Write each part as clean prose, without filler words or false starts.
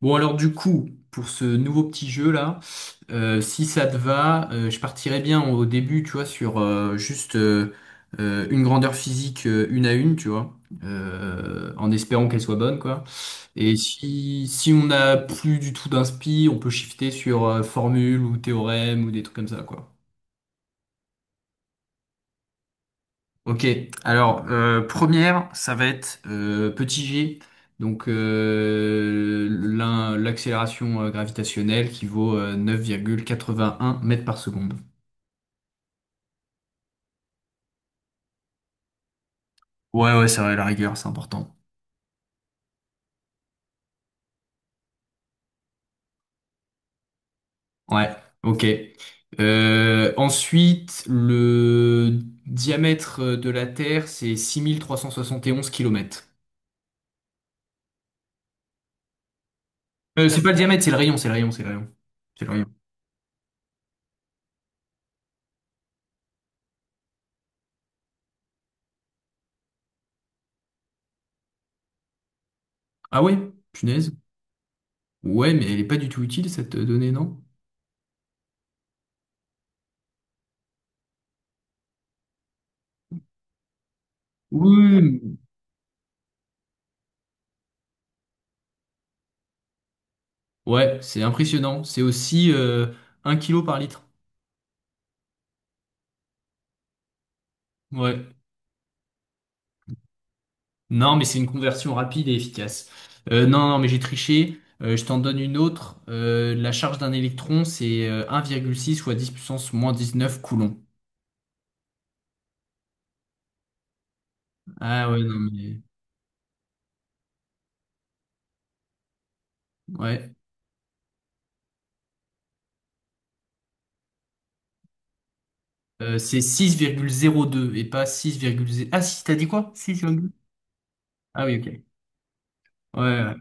Bon alors du coup, pour ce nouveau petit jeu là, si ça te va, je partirais bien au début, tu vois, sur juste, une grandeur physique, une à une, tu vois, en espérant qu'elle soit bonne, quoi. Et si on n'a plus du tout d'inspi, on peut shifter sur formule ou théorème ou des trucs comme ça, quoi. Ok, alors première, ça va être petit g, donc l'accélération gravitationnelle qui vaut 9,81 mètres par seconde. Ouais, ouais, ça va, la rigueur, c'est important. Ouais, ok. Ensuite, le diamètre de la Terre, c'est 6 371 km. C'est pas le diamètre, c'est le rayon, c'est le rayon, c'est le rayon. C'est le rayon. Ah ouais, punaise. Ouais, mais elle est pas du tout utile cette donnée, non? Oui, ouais, c'est impressionnant. C'est aussi 1 kilo par litre. Ouais. Non, mais c'est une conversion rapide et efficace. Non, non, mais j'ai triché. Je t'en donne une autre. La charge d'un électron, c'est un virgule six fois 10 puissance moins 19 coulombs. Ah ouais, non, mais... Ouais. C'est six virgule zéro deux et pas six virgule zéro. Ah si, t'as dit quoi? Six virgule. Ah oui, ok. Ouais, ouais.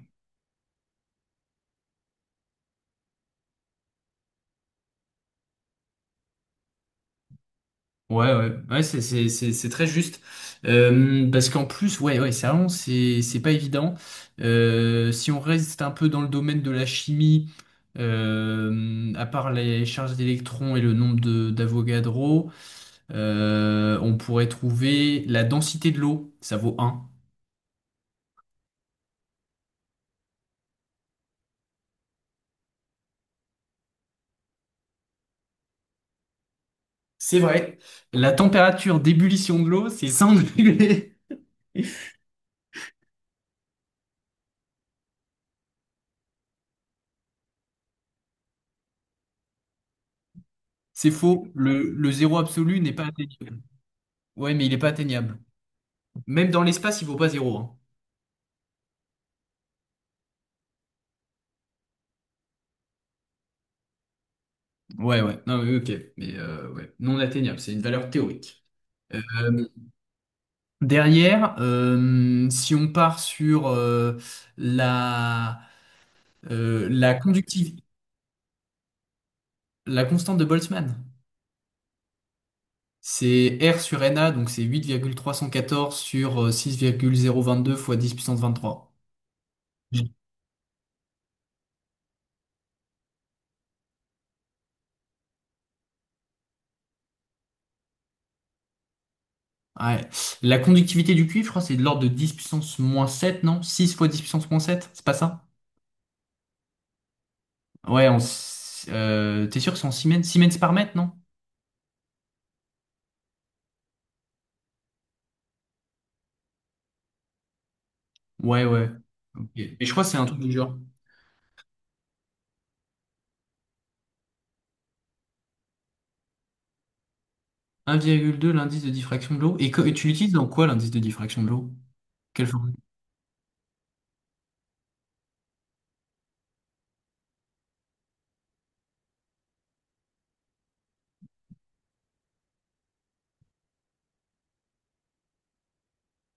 Ouais, ouais, ouais, c'est très juste. Parce qu'en plus, ouais, ouais, c'est vraiment c'est pas évident. Si on reste un peu dans le domaine de la chimie, à part les charges d'électrons et le nombre de d'Avogadro, on pourrait trouver la densité de l'eau, ça vaut un. C'est vrai. La température d'ébullition de l'eau, c'est 100 degrés. C'est faux. Le zéro absolu n'est pas atteignable. Ouais, mais il est pas atteignable. Même dans l'espace, il vaut pas zéro, hein. Ouais, ouais, non, oui, ok, mais ouais. Non atteignable, c'est une valeur théorique. Euh, Derrière, si on part sur la, euh, la conductiv- la constante de Boltzmann, c'est R sur Na, donc c'est 8,314 sur 6,022 fois 10 puissance 23. Ouais. La conductivité du cuivre, je crois, c'est de l'ordre de 10 puissance moins sept, non? Six fois 10 puissance moins sept, c'est pas ça? Ouais, en, t'es sûr que c'est en siemens par mètre, non? Ouais, ouais. Ok. Et je crois que c'est un truc du genre 1,2, l'indice de diffraction de l'eau. Et tu l'utilises dans quoi, l'indice de diffraction de l'eau? Quelle formule?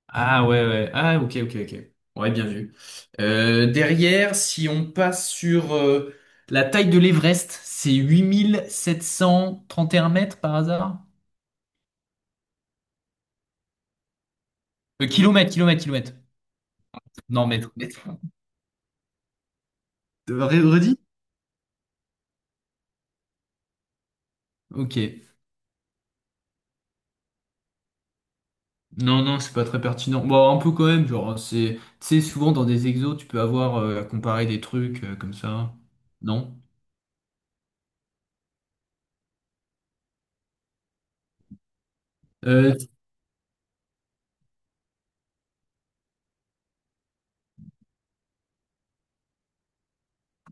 Ah ouais, ouais. Ah ok, ok, ok. Ouais, bien vu. Derrière, si on passe sur la taille de l'Everest, c'est 8731 mètres, par hasard? Kilomètres, kilomètres, kilomètres. Non, mètres. Mètres. Redis? Ok. Non, non, c'est pas très pertinent. Bon, un peu quand même, genre, c'est, tu sais, souvent dans des exos, tu peux avoir à comparer des trucs comme ça. Non? Euh,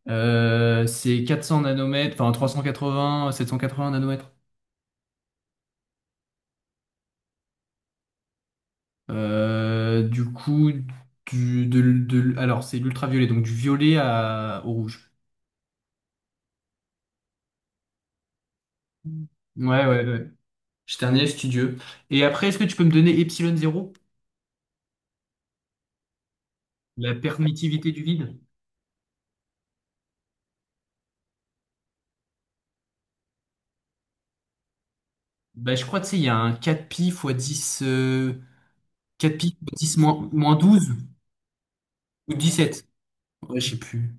c'est 400 nanomètres, enfin trois cent quatre-vingt sept, quatre 780 nanomètres. Du coup, alors c'est l'ultraviolet, donc du violet au rouge. Ouais, ouais, ouais. J'étais un élève studieux. Et après, est-ce que tu peux me donner epsilon zéro? La permittivité du vide? Bah, je crois, tu sais, il y a un quatre pi fois dix, 4 pi dix moins 12 ou 17. Ouais, je sais plus.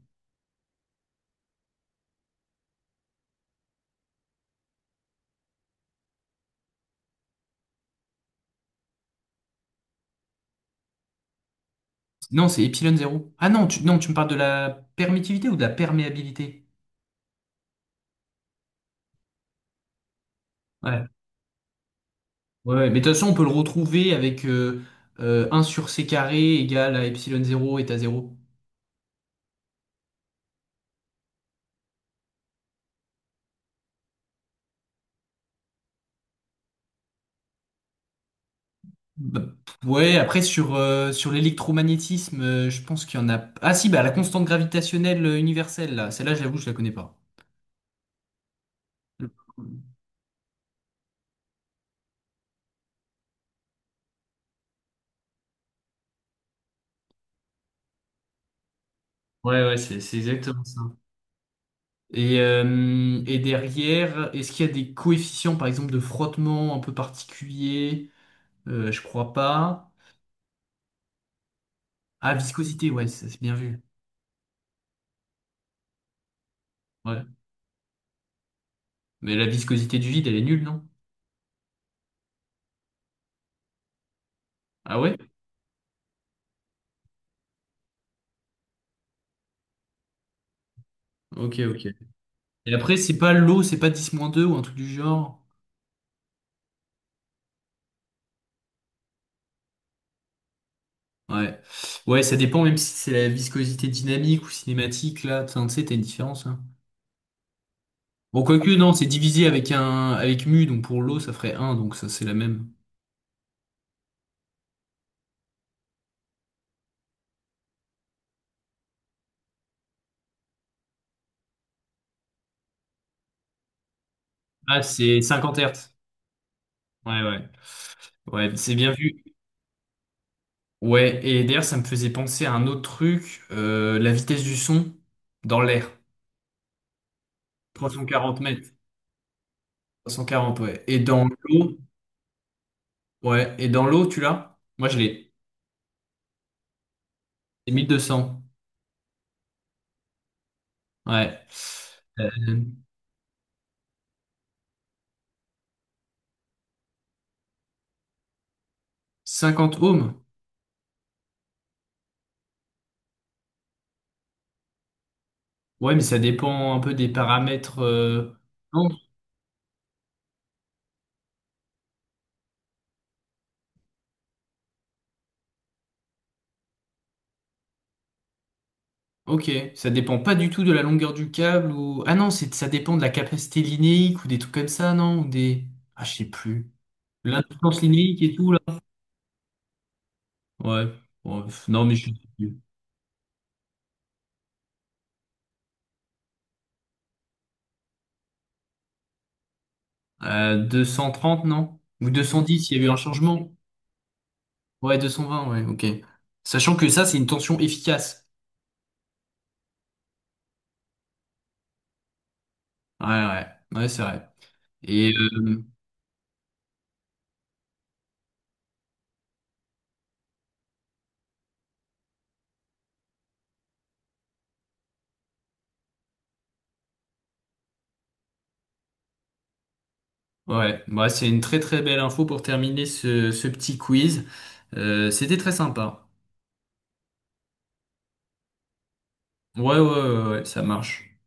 Non, c'est epsilon zéro. Ah non, tu, non, tu me parles de la permittivité ou de la perméabilité? Ouais. Ouais, ouais. Mais de toute façon, on peut le retrouver avec 1 sur c carré égale à epsilon zéro est à zéro. Bah, ouais, après sur l'électromagnétisme, je pense qu'il y en a. Ah si, bah la constante gravitationnelle universelle, là. Celle-là, j'avoue, je la connais pas. Ouais, ouais, c'est exactement ça. Et derrière, est-ce qu'il y a des coefficients, par exemple, de frottement un peu particuliers? Je crois pas. Ah, viscosité, ouais, ça c'est bien vu. Ouais. Mais la viscosité du vide, elle est nulle, non? Ah ouais? Ok, ok. Et après, c'est pas l'eau, c'est pas dix moins deux ou un truc du genre? Ouais. Ouais, ça dépend, même si c'est la viscosité dynamique ou cinématique, là. Enfin, tu sais, t'as une différence, hein. Bon, quoique, non, c'est divisé avec un, avec mu, donc pour l'eau, ça ferait un. Donc ça, c'est la même. Ah, c'est 50 Hz. Ouais, ouais. Ouais, c'est bien vu. Ouais, et d'ailleurs, ça me faisait penser à un autre truc, la vitesse du son dans l'air. 340 mètres. 340, ouais. Et dans l'eau, ouais. Et dans l'eau, tu l'as? Moi, je l'ai. C'est 1200. Ouais. Euh, 50 ohms. Ouais, mais ça dépend un peu des paramètres. Non, ok. Ça dépend pas du tout de la longueur du câble ou. Ah non, c'est ça dépend de la capacité linéique ou des trucs comme ça, non? Ou des. Ah, je sais plus. L'impuissance linéique et tout, là. Ouais. Ouais, pff, non, mais je suis. 230, non? Ou 210, il y a eu un changement? Ouais, 220, ouais, ok. Sachant que ça, c'est une tension efficace. Ouais, ouais, ouais, c'est vrai. Et ouais, bah, c'est une très très belle info pour terminer ce petit quiz. C'était très sympa. Ouais, ouais, ouais, ouais, ça marche.